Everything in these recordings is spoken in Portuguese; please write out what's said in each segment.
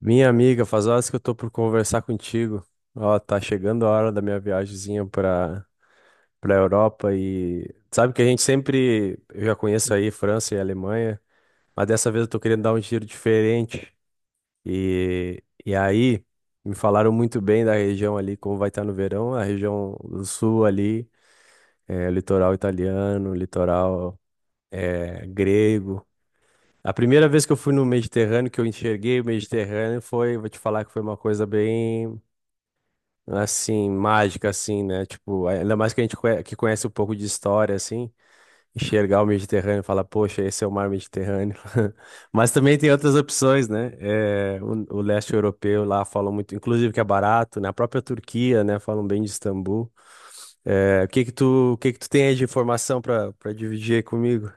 Minha amiga, faz horas que eu tô por conversar contigo. Ó, tá chegando a hora da minha viagemzinha pra Europa e sabe que a gente sempre, eu já conheço aí França e Alemanha, mas dessa vez eu tô querendo dar um giro diferente. E aí, me falaram muito bem da região ali, como vai estar no verão, a região do sul ali, litoral italiano, litoral grego. A primeira vez que eu fui no Mediterrâneo, que eu enxerguei o Mediterrâneo, foi, vou te falar que foi uma coisa bem, assim, mágica, assim, né? Tipo, ainda mais que a gente que conhece um pouco de história, assim, enxergar o Mediterrâneo e falar, poxa, esse é o mar Mediterrâneo. Mas também tem outras opções, né? O leste europeu lá falam muito, inclusive que é barato, né? A própria Turquia, né? Falam bem de Istambul. O que que tu tem aí de informação para dividir aí comigo?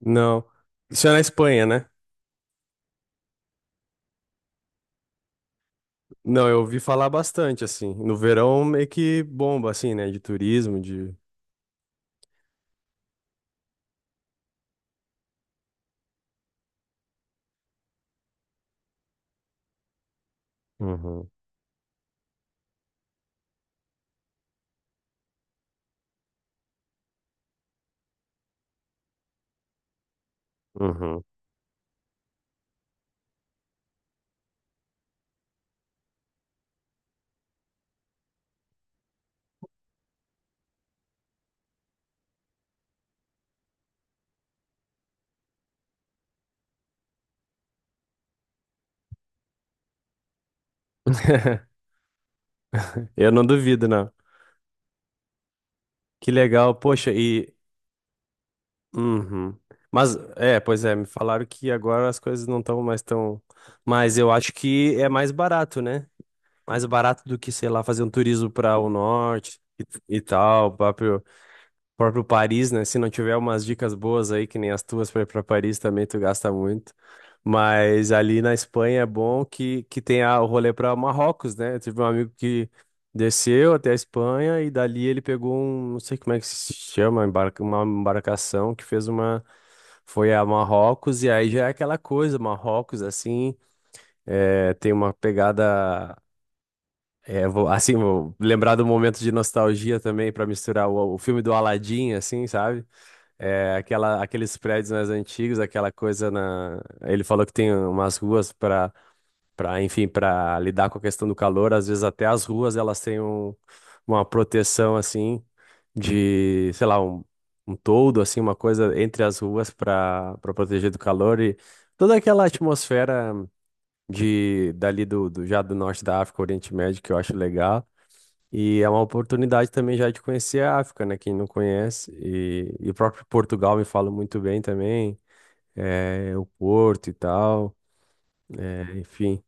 Não. Isso é na Espanha, né? Não, eu ouvi falar bastante, assim. No verão meio que bomba, assim, né? De turismo, de. Uhum, uhum. Eu não duvido, não. Que legal, poxa, e. Uhum. Mas, é, pois é, me falaram que agora as coisas não estão mais tão. Mas eu acho que é mais barato, né? Mais barato do que, sei lá, fazer um turismo para o norte e tal, próprio Paris, né? Se não tiver umas dicas boas aí, que nem as tuas para ir para Paris também, tu gasta muito. Mas ali na Espanha é bom que tem o rolê para Marrocos, né? Eu tive um amigo que desceu até a Espanha e dali ele pegou um, não sei como é que se chama, uma embarcação que fez uma. Foi a Marrocos e aí já é aquela coisa, Marrocos assim, é, tem uma pegada. Vou lembrar do momento de nostalgia também para misturar o filme do Aladdin, assim, sabe? É, aquela, aqueles prédios mais antigos, aquela coisa na. Ele falou que tem umas ruas enfim, para lidar com a questão do calor. Às vezes até as ruas elas têm uma proteção assim de, sei lá, um toldo assim, uma coisa entre as ruas para proteger do calor e toda aquela atmosfera de dali do já do norte da África, Oriente Médio, que eu acho legal. E é uma oportunidade também já de conhecer a África, né? Quem não conhece. E o próprio Portugal me fala muito bem também. É, o Porto e tal. É, enfim.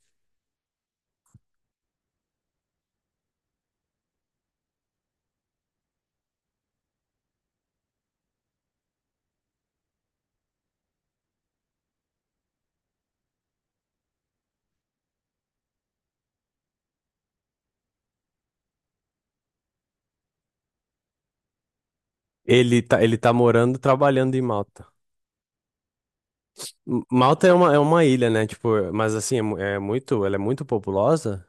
Ele tá morando, trabalhando em Malta. Malta é uma ilha, né? Tipo, mas assim, é, é muito, ela é muito populosa.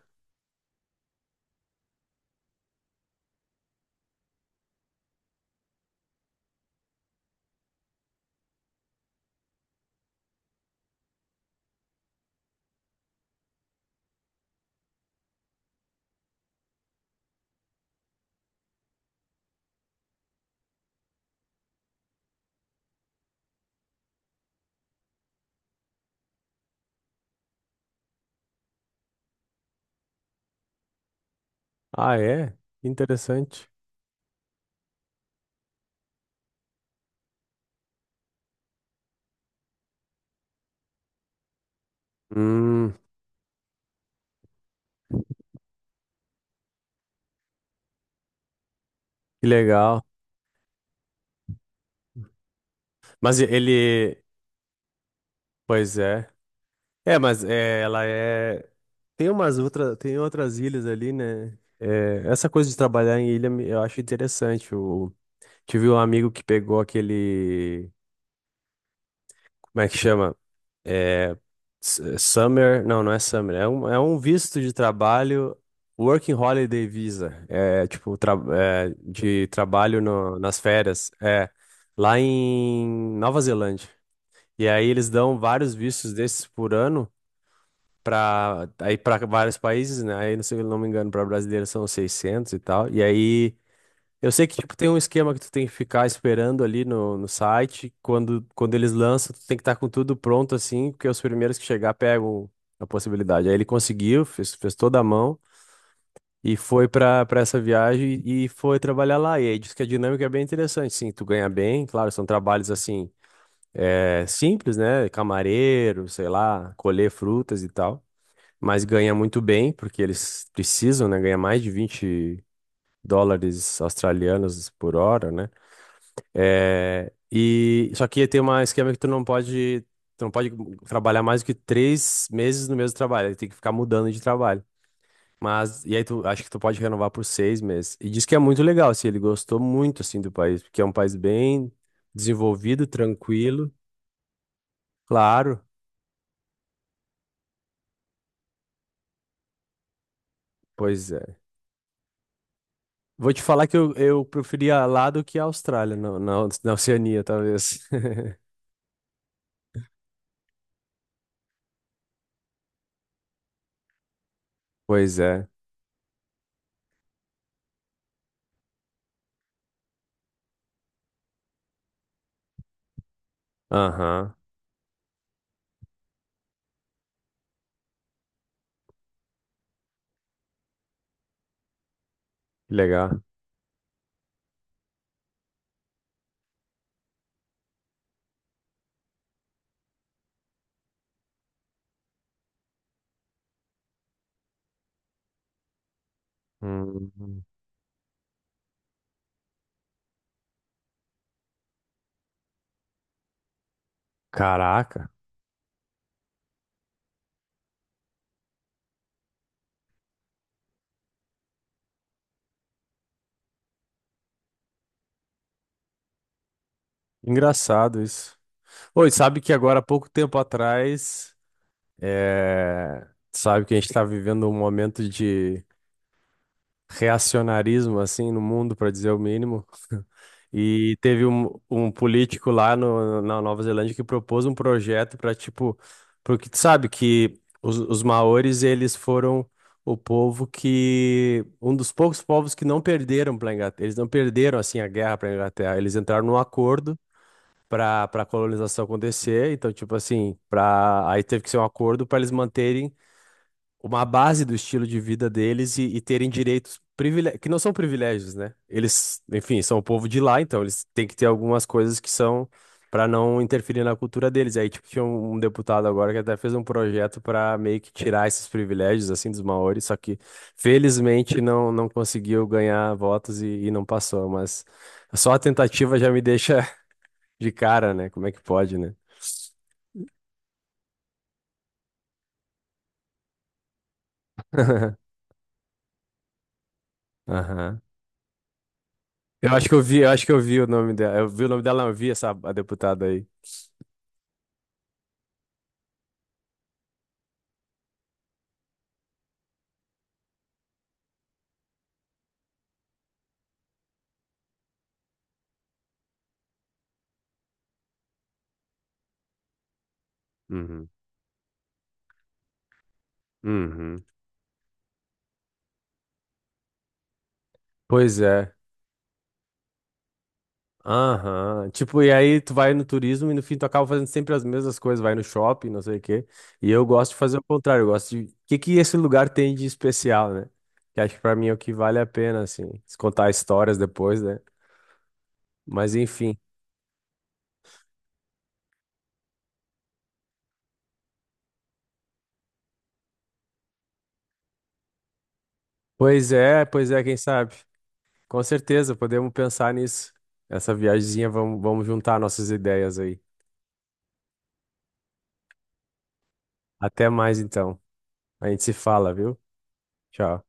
Ah, é? Que interessante. Hum, que legal. Mas ele, pois é. É, mas é, ela é. Tem outras ilhas ali, né? É, essa coisa de trabalhar em ilha eu acho interessante. Eu tive um amigo que pegou aquele. Como é que chama? É, s- summer. Não, não é Summer. É um visto de trabalho. Working Holiday Visa. De trabalho nas férias. É lá em Nova Zelândia. E aí eles dão vários vistos desses por ano. Para aí para vários países, né? Aí, não sei, não me engano, para brasileiro são 600 e tal. E aí eu sei que tipo tem um esquema que tu tem que ficar esperando ali no site, quando eles lançam, tu tem que estar com tudo pronto assim, porque os primeiros que chegar pegam a possibilidade. Aí ele conseguiu, fez toda a mão e foi para essa viagem e foi trabalhar lá. E aí diz que a dinâmica é bem interessante, sim, tu ganha bem, claro, são trabalhos assim, é, simples, né? Camareiro, sei lá, colher frutas e tal mas ganha muito bem, porque eles precisam, né, ganhar mais de 20 dólares australianos por hora, né? É, e só que tem um esquema que tu não pode trabalhar mais do que 3 meses no mesmo trabalho, aí tem que ficar mudando de trabalho. Mas, e aí tu, acho que tu pode renovar por 6 meses. E diz que é muito legal, assim, ele gostou muito, assim, do país, porque é um país bem desenvolvido, tranquilo, claro, pois é. Vou te falar que eu preferia lá do que a Austrália, na Oceania, talvez. Pois é. Aham. Que legal. Hum, caraca. Engraçado isso. Oi, sabe que agora, há pouco tempo atrás, é, sabe que a gente está vivendo um momento de reacionarismo assim no mundo, para dizer o mínimo. E teve um político lá no, na Nova Zelândia que propôs um projeto para tipo, porque tu sabe que os maores eles foram o povo que um dos poucos povos que não perderam para Inglaterra, eles não perderam assim a guerra para Inglaterra, eles entraram num acordo para colonização acontecer, então tipo assim, para aí teve que ser um acordo para eles manterem uma base do estilo de vida deles e terem direitos que não são privilégios, né? Eles, enfim, são o povo de lá, então eles têm que ter algumas coisas que são para não interferir na cultura deles. Aí, tipo, tinha um deputado agora que até fez um projeto para meio que tirar esses privilégios assim dos maoris, só que felizmente não conseguiu ganhar votos e não passou, mas só a tentativa já me deixa de cara, né? Como é que pode, né? Aham. Eu acho que eu vi o nome dela. Eu vi o nome dela, não, eu vi essa a deputada aí. Uhum, uhum. Pois é. Aham. Tipo, e aí tu vai no turismo e no fim tu acaba fazendo sempre as mesmas coisas, vai no shopping, não sei o quê. E eu gosto de fazer o contrário, eu gosto de o que que esse lugar tem de especial, né? Que acho que pra mim é o que vale a pena, assim, se contar histórias depois, né? Mas enfim. Pois é, quem sabe? Com certeza, podemos pensar nisso. Essa viagemzinha, vamos juntar nossas ideias aí. Até mais então. A gente se fala, viu? Tchau.